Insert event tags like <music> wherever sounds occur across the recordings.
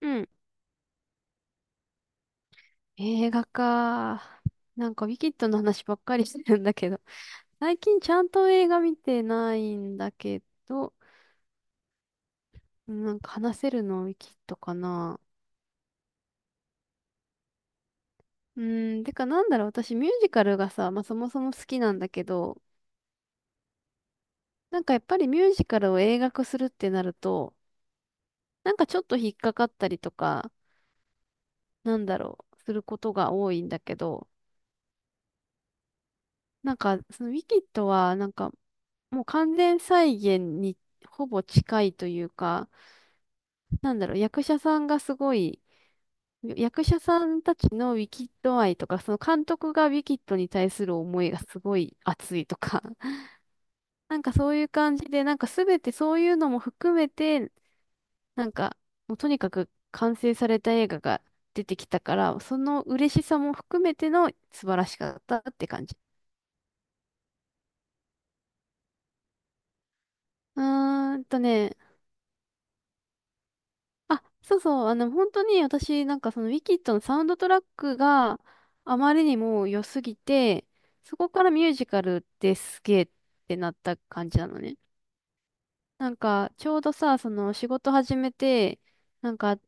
うん。映画か。ウィキッドの話ばっかりしてるんだけど。最近ちゃんと映画見てないんだけど、うん話せるのウィキッドかな。うん、てかなんだろう、私ミュージカルがさ、まあそもそも好きなんだけど、なんかやっぱりミュージカルを映画化するってなると、なんかちょっと引っかかったりとか、なんだろう、することが多いんだけど、なんかそのウィキッドは、もう完全再現にほぼ近いというか、なんだろう、役者さんがすごい、役者さんたちのウィキッド愛とか、その監督がウィキッドに対する思いがすごい熱いとか、<laughs> なんかそういう感じで、なんかすべてそういうのも含めて、なんかもうとにかく完成された映画が出てきたから、その嬉しさも含めての素晴らしかったって感じ。うーんとね、あ、そうそう、あの、本当に私、なんかそのウィキッドのサウンドトラックがあまりにも良すぎて、そこからミュージカルってすげえってなった感じなのね。ちょうどさ、その仕事始めて、なんか、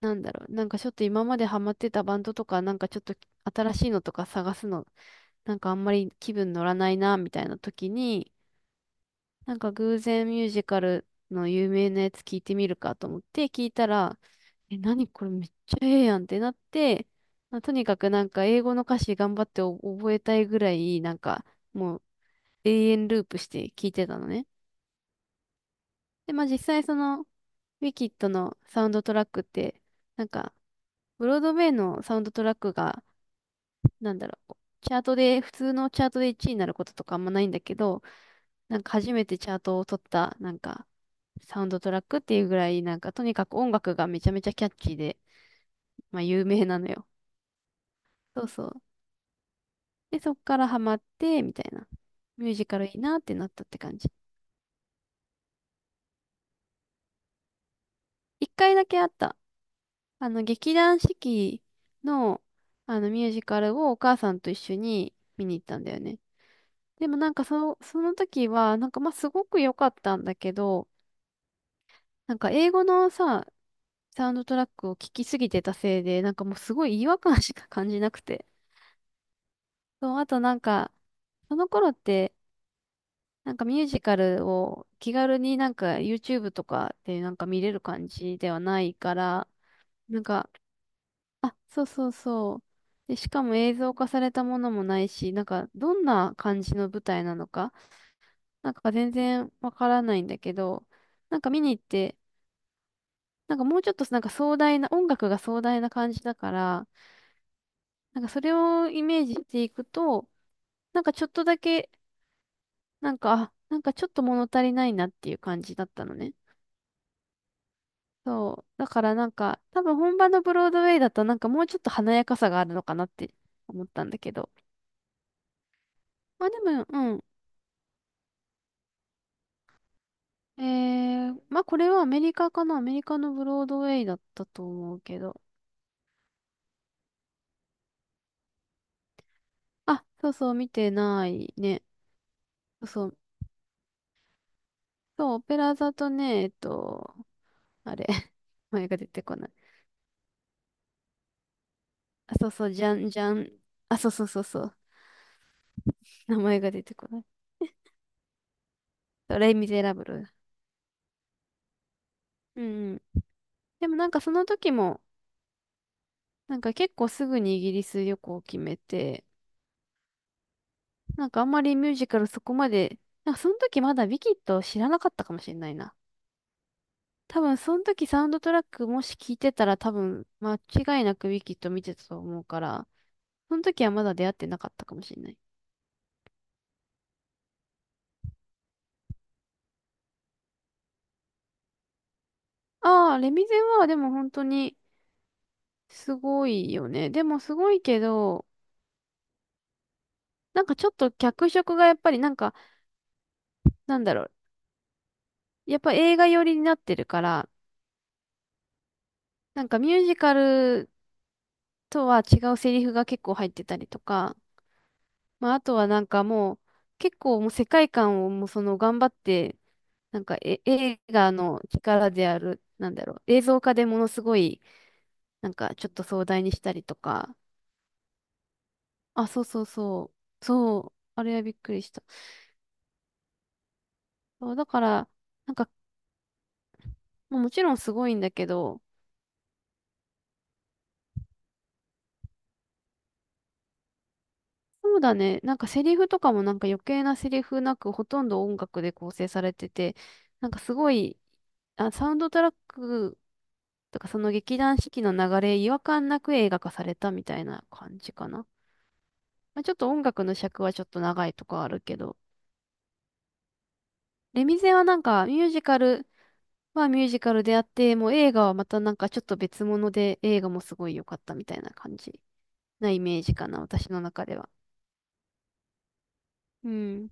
なんだろう、なんかちょっと今までハマってたバンドとか、なんかちょっと新しいのとか探すの、なんかあんまり気分乗らないな、みたいな時に、なんか偶然ミュージカルの有名なやつ聞いてみるかと思って聞いたら、え、何これめっちゃええやんってなって、まあ、とにかくなんか英語の歌詞頑張ってお覚えたいぐらい、もう永遠ループして聞いてたのね。で、まあ実際そのウィキッドのサウンドトラックって、なんかブロードウェイのサウンドトラックが、なんだろう、チャートで、普通のチャートで1位になることとかあんまないんだけど、なんか初めてチャートを取った、なんか、サウンドトラックっていうぐらい、なんか、とにかく音楽がめちゃめちゃキャッチーで、まあ、有名なのよ。そうそう。で、そっからハマって、みたいな。ミュージカルいいなってなったって感じ。一回だけあった。あの、劇団四季の、あの、ミュージカルをお母さんと一緒に見に行ったんだよね。でもその、その時は、なんかまあすごく良かったんだけど、なんか英語のさ、サウンドトラックを聞きすぎてたせいで、なんかもうすごい違和感しか感じなくて。そう、あと、なんか、その頃って、なんかミュージカルを気軽になんか YouTube とかでなんか見れる感じではないから、なんか、あ、そうそうそう。で、しかも映像化されたものもないし、なんかどんな感じの舞台なのか、なんか、全然わからないんだけど、なんか見に行って、なんかもうちょっとなんか壮大な、音楽が壮大な感じだから、なんかそれをイメージしていくと、なんかちょっとだけ、あ、なんかちょっと物足りないなっていう感じだったのね。そう。だから、なんか、多分本場のブロードウェイだとなんかもうちょっと華やかさがあるのかなって思ったんだけど。まあでも、うん。えー、まあこれはアメリカかな。アメリカのブロードウェイだったと思うけど。あ、そうそう、見てないね。そうそう、そう、オペラ座とね、あれ、<laughs> 前が出てこない。あ、そうそう、じゃんじゃん。あ、そうそうそうそう。名前が出てこない。レ・ミゼラブル。うんうん。でもなんかその時も、なんか結構すぐにイギリス旅行を決めて、なんかあんまりミュージカルそこまで、なんかその時まだウィキッドを知らなかったかもしれないな。多分その時サウンドトラックもし聞いてたら多分間違いなくウィキッド見てたと思うから、その時はまだ出会ってなかったかもしれない。ああ、レ・ミゼはでも本当にすごいよね。でもすごいけど、なんかちょっと脚色がやっぱり、なんか、なんだろう、やっぱ映画寄りになってるから、なんかミュージカルとは違うセリフが結構入ってたりとか、まああとはもう結構もう世界観をもうその頑張って、なんかえ映画の力である、なんだろう、映像化でものすごいなんかちょっと壮大にしたりとか、あ、そうそうそう、そう、あれはびっくりした。そう、だから、なんかまあもちろんすごいんだけど、そうだね。なんかセリフとかもなんか余計なセリフなくほとんど音楽で構成されてて、なんかすごい、あ、サウンドトラックとかその劇団四季の流れ、違和感なく映画化されたみたいな感じかな。まあ、ちょっと音楽の尺はちょっと長いとかあるけど、レミゼはなんかミュージカルはミュージカルであって、もう映画はまたなんかちょっと別物で映画もすごい良かったみたいな感じなイメージかな、私の中では。うん。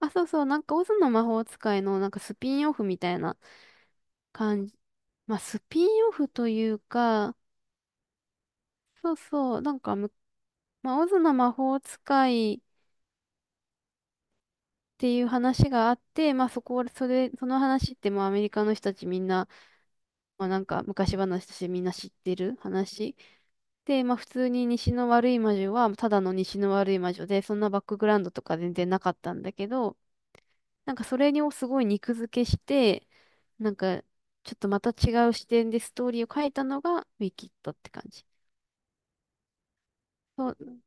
あ、そうそう、なんかオズの魔法使いのなんかスピンオフみたいな感じ。まあ、スピンオフというか、そうそう、なんかむ、まあ、オズの魔法使いっていう話があって、まあ、そこ、それ、その話ってもうアメリカの人たちみんな、まあ、なんか昔話としてみんな知ってる話。で、まあ、普通に西の悪い魔女は、ただの西の悪い魔女で、そんなバックグラウンドとか全然なかったんだけど、なんかそれをすごい肉付けして、なんかちょっとまた違う視点でストーリーを書いたのがウィキッドって感じ。そう、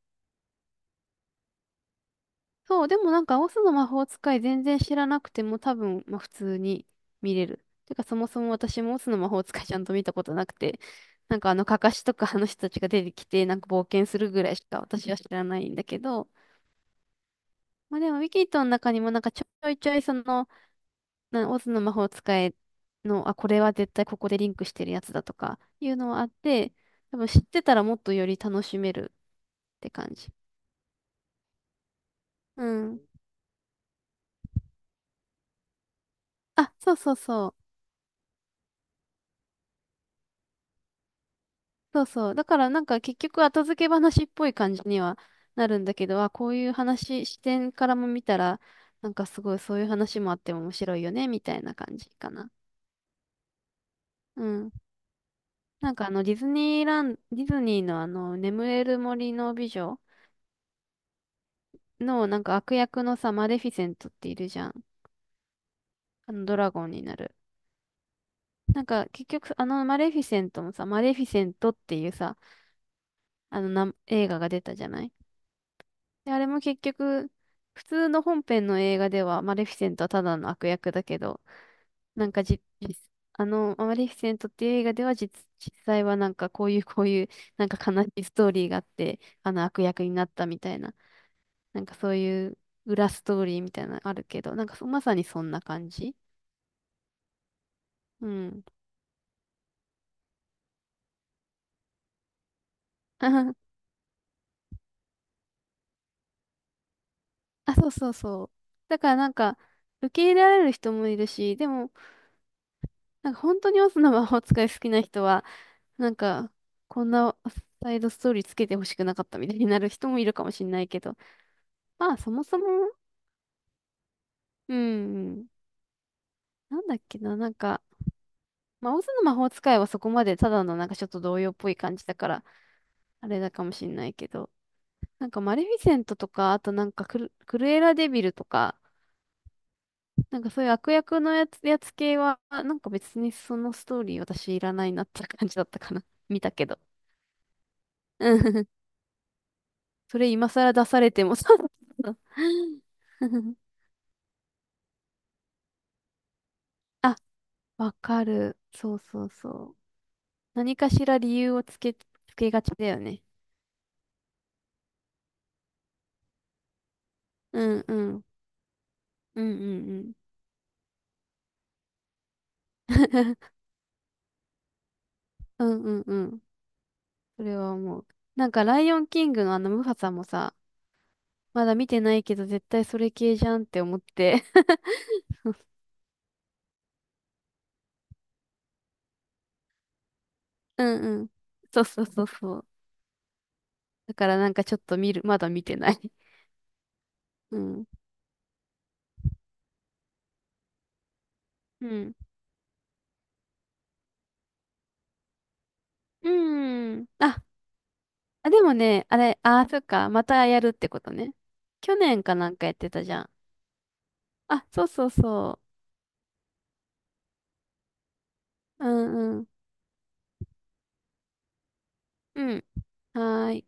そう、でもなんかオスの魔法使い全然知らなくても多分、まあ、普通に見れる。てかそもそも私もオスの魔法使いちゃんと見たことなくて、なんかあのカカシとかあの人たちが出てきてなんか冒険するぐらいしか私は知らないんだけど、まあでもウィキッドの中にもなんかちょいちょいその、なオズの魔法使いの、あ、これは絶対ここでリンクしてるやつだとかいうのはあって、多分知ってたらもっとより楽しめるって感じ。うん。あ、そうそうそう。そうそう。だからなんか結局後付け話っぽい感じにはなるんだけど、あ、こういう話、視点からも見たら、なんかすごいそういう話もあっても面白いよね、みたいな感じかな。うん。なんかあのディズニーラン、ディズニーのあの眠れる森の美女のなんか悪役のさ、マレフィセントっているじゃん。あのドラゴンになる。なんか結局あのマレフィセントもさ、マレフィセントっていうさ、あの映画が出たじゃない。で、あれも結局普通の本編の映画ではマレフィセントはただの悪役だけど、なんかじ、実あのマレフィセントっていう映画では実際はなんかこういうこういうなんか悲しいストーリーがあって、あの悪役になったみたいな、なんかそういう裏ストーリーみたいなのあるけど、なんかそまさにそんな感じ。うん。<laughs> あ、そうそうそう。だから、なんか、受け入れられる人もいるし、でも、なんか本当にオズの魔法使い好きな人は、なんか、こんなサイドストーリーつけてほしくなかったみたいになる人もいるかもしれないけど、まあ、そもそも、うん、なんだっけな、なんか、まあ、オズの魔法使いはそこまでただのなんかちょっと童謡っぽい感じだから、あれだかもしれないけど、なんかマレフィセントとか、あとなんかクルエラデビルとか、なんか、そういう悪役のやつ系は、なんか別にそのストーリー私いらないなって感じだったかな。<laughs> 見たけど。うん。 <laughs> それ今更出されてもそうそうそう。 <laughs> あ、わかる。そうそうそう。何かしら理由をつけがちだよね。うんうん。うんうんうん。<laughs> うんうんうん。それは思う。なんかライオンキングのあのムファさんもさ、まだ見てないけど絶対それ系じゃんって思って。<laughs> うんうん。そうそうそうそう。だからなんかちょっと見る、まだ見てない。<laughs> うん。うん。うん。あ、でもね、あれ、あ、そっか、またやるってことね。去年かなんかやってたじゃん。あ、そうそうそう。うんうん。うん。はーい。